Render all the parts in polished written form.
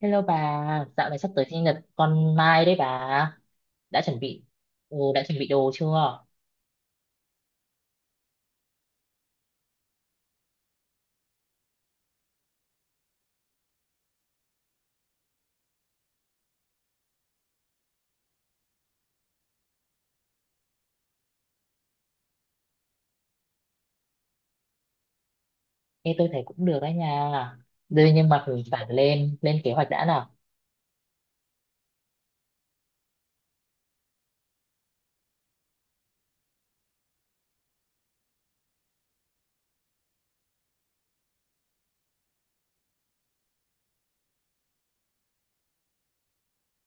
Hello bà, dạo này sắp tới sinh nhật con Mai đấy bà. Đã chuẩn bị, ừ, đã chuẩn bị đồ chưa? Ê, tôi thấy cũng được đấy nha. Đây nhưng mà mình phải lên kế hoạch đã nào.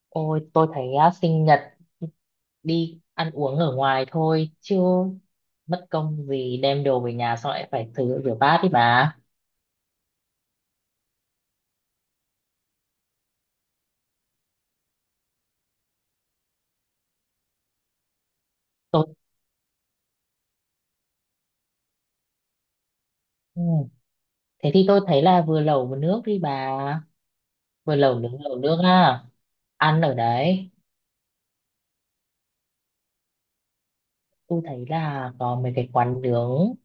Ôi, tôi thấy á, sinh nhật đi ăn uống ở ngoài thôi, chứ mất công gì đem đồ về nhà xong lại phải thử rửa bát đi bà. Tôi, ừ. Thế thì tôi thấy là vừa lẩu vừa nước đi bà. Vừa lẩu nướng lẩu nước à. Ăn ở đấy. Tôi thấy là có mấy cái quán nướng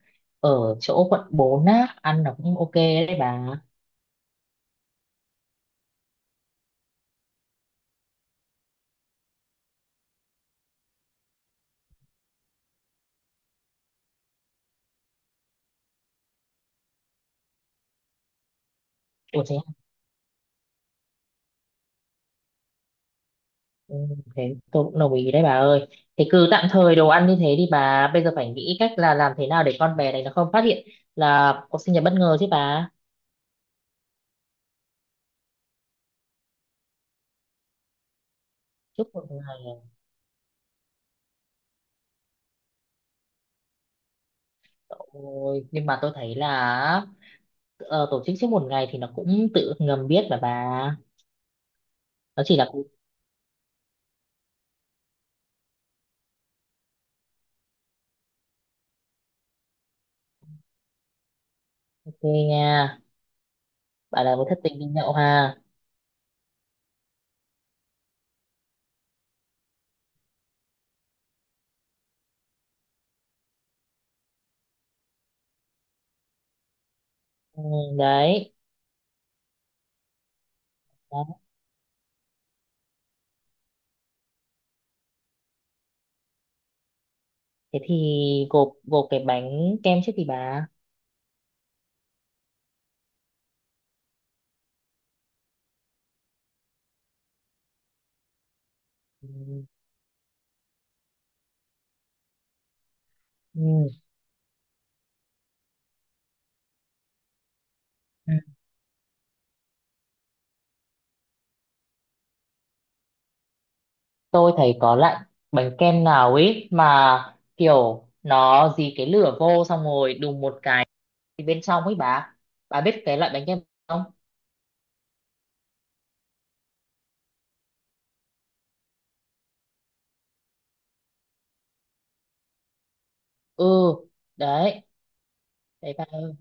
ở chỗ quận 4 á ăn nó cũng ok đấy bà. Ủa thế à? Ừ, thế tôi cũng đồng ý đấy bà ơi. Thế cứ tạm thời đồ ăn như thế đi bà, bây giờ phải nghĩ cách là làm thế nào để con bé này nó không phát hiện là có sinh nhật bất ngờ chứ bà. Trước một ngày à? Ôi, nhưng mà tôi thấy là tổ chức trước một ngày thì nó cũng tự ngầm biết mà bà. Nó chỉ là ok nha. Bà là một thất tình đi nhậu ha. Ừ, đấy thế thì gộp gộp cái bánh kem trước thì bà. Ừ. Ừ. Ừ. Tôi thấy có loại bánh kem nào ấy mà kiểu nó dí cái lửa vô xong rồi đùng một cái thì bên trong ấy bà biết cái loại bánh kem không? Ừ. Đấy. Đấy bà ơi.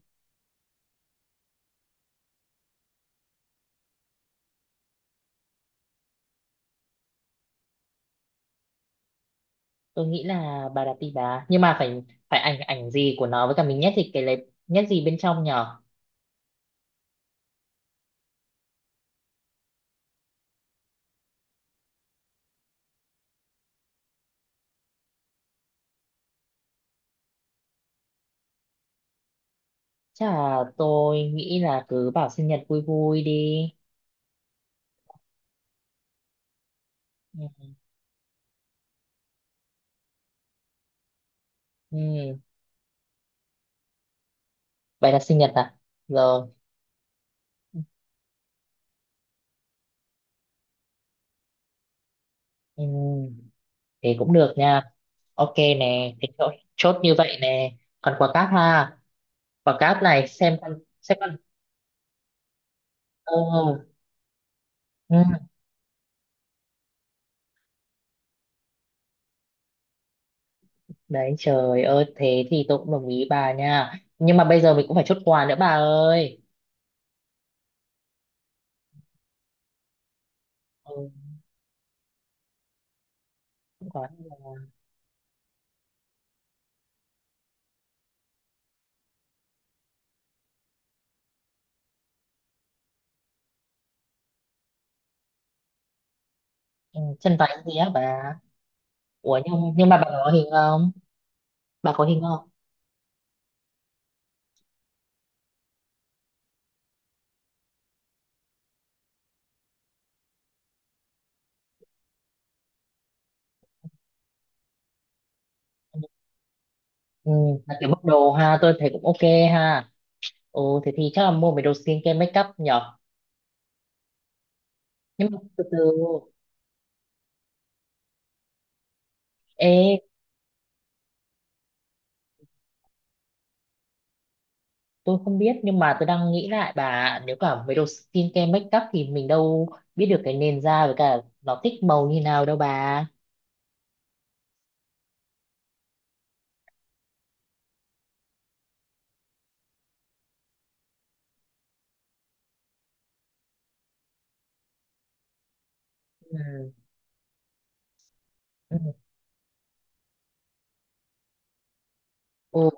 Tôi nghĩ là bà đặt đi bà nhưng mà phải phải ảnh ảnh gì của nó với cả mình nhét thì cái lấy nhét gì bên trong nhở. Chắc là tôi nghĩ là cứ bảo sinh nhật vui vui đi. Ừ. Ừ. Bà đặt sinh nhật à. Rồi. Ừ, thì cũng được nha. Ok nè, thì chốt, chốt như vậy nè. Còn quả cáp ha, quả cáp này xem con, xem con. Ờ, ừ, đấy trời ơi, thế thì tôi cũng đồng ý bà nha. Nhưng mà bây giờ mình cũng phải chốt quà nữa bà ơi. Ừ, cũng có. Ừ, chân váy gì á bà. Ủa nhưng mà bà có hình không? Bà có hình không? Ừ, là kiểu bốc đồ ha, tôi thấy cũng ok ha. Ừ, thế thì chắc là mua mấy đồ skincare make up nhở. Nhưng mà từ từ, ê tôi không biết nhưng mà tôi đang nghĩ lại bà nếu cả mấy đồ skincare make up thì mình đâu biết được cái nền da với cả nó thích màu như nào đâu bà. Ừ, ừ. Ừ,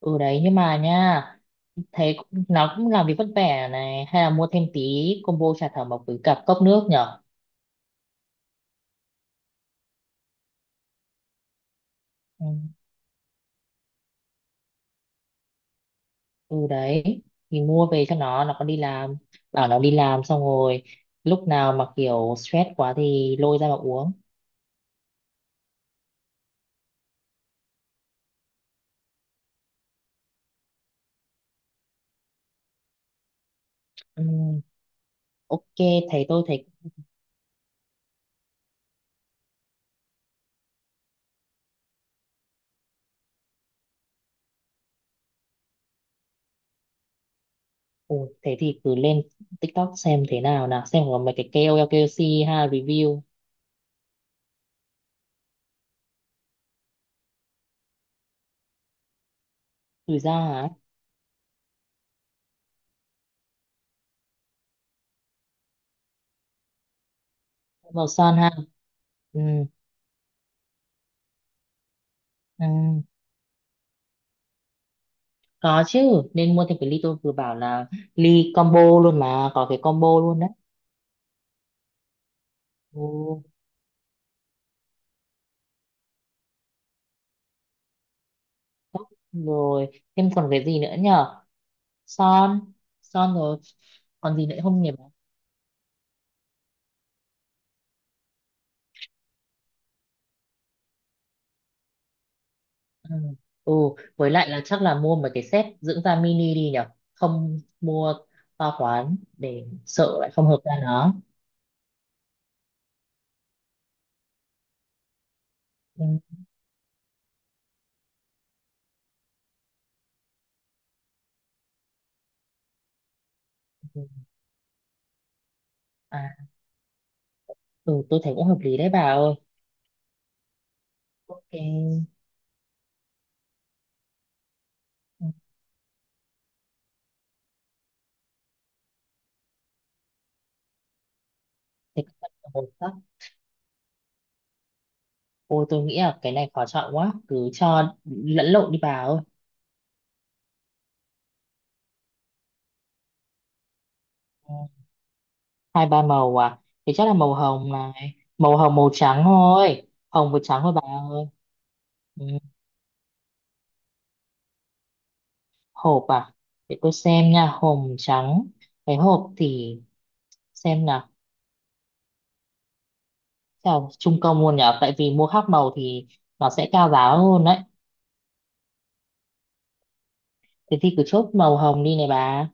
ừ đấy nhưng mà nha, nó cũng làm việc vất vả này hay là mua thêm tí combo trà thảo mộc với cả cốc nước nhở. Ừ, ừ đấy thì mua về cho nó còn đi làm, bảo nó đi làm xong rồi lúc nào mà kiểu stress quá thì lôi ra mà uống. Ừ, ok thấy tôi thấy Ồ, thế thì cứ lên TikTok xem thế nào nào xem có mấy cái KOL KOC ha review. Rủi ra hả? Màu son ha. Ừ, ừ, có chứ nên mua thêm cái ly tôi vừa bảo là ly combo luôn mà có cái combo luôn đấy. Ồ, rồi thêm còn cái gì nữa nhở? Son. Son rồi, còn gì nữa không nhỉ bà? Ừ. Ừ với lại là chắc là mua mấy cái set dưỡng da mini đi nhở, không mua to quá để sợ lại không hợp da nó. Ừ. Ừ. À, ừ, tôi thấy cũng hợp lý đấy bà ơi. Ok. Ừ, thế cũng mất một hồi đó. Ôi tôi nghĩ là cái này khó chọn quá. Cứ cho lẫn lộn đi bà ơi. Ừ, hai ba màu à. Thì chắc là màu hồng này. Màu hồng màu trắng thôi. Hồng với trắng thôi bà ơi. Ừ. Hộp à. Để tôi xem nha. Hồng trắng. Cái hộp thì xem nào. Chào trung công luôn nhở. Tại vì mua khác màu thì nó sẽ cao giá hơn đấy. Thế thì cứ chốt màu hồng đi này bà.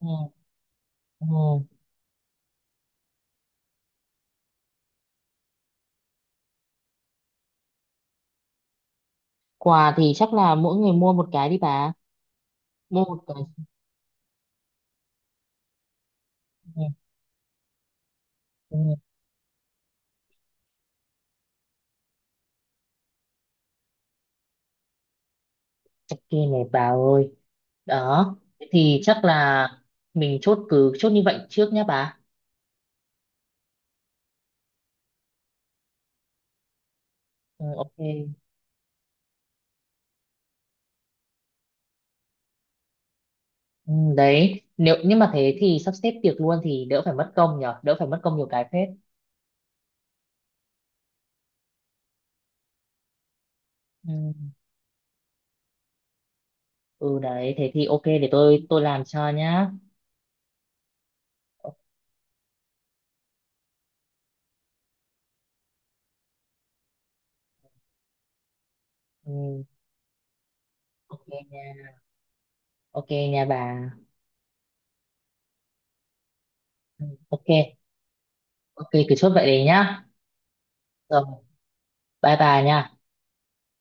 Ừ. Ừ. Quà thì chắc là mỗi người mua một cái đi bà. Mua một cái. Ừ, ừ, kia này bà ơi. Đó. Thế thì chắc là mình chốt cứ chốt như vậy trước nhá bà. Ừ, ok. Ừ, đấy. Nếu nhưng mà thế thì sắp xếp tiệc luôn thì đỡ phải mất công nhở, đỡ phải mất công nhiều cái phết. Ừ. Ừ đấy, thế thì ok để tôi làm cho nhá. Ừ, ok nha. Ok nha bà. Ừ, ok. Ok cứ chốt vậy đấy nhá. Rồi, bye bye nha.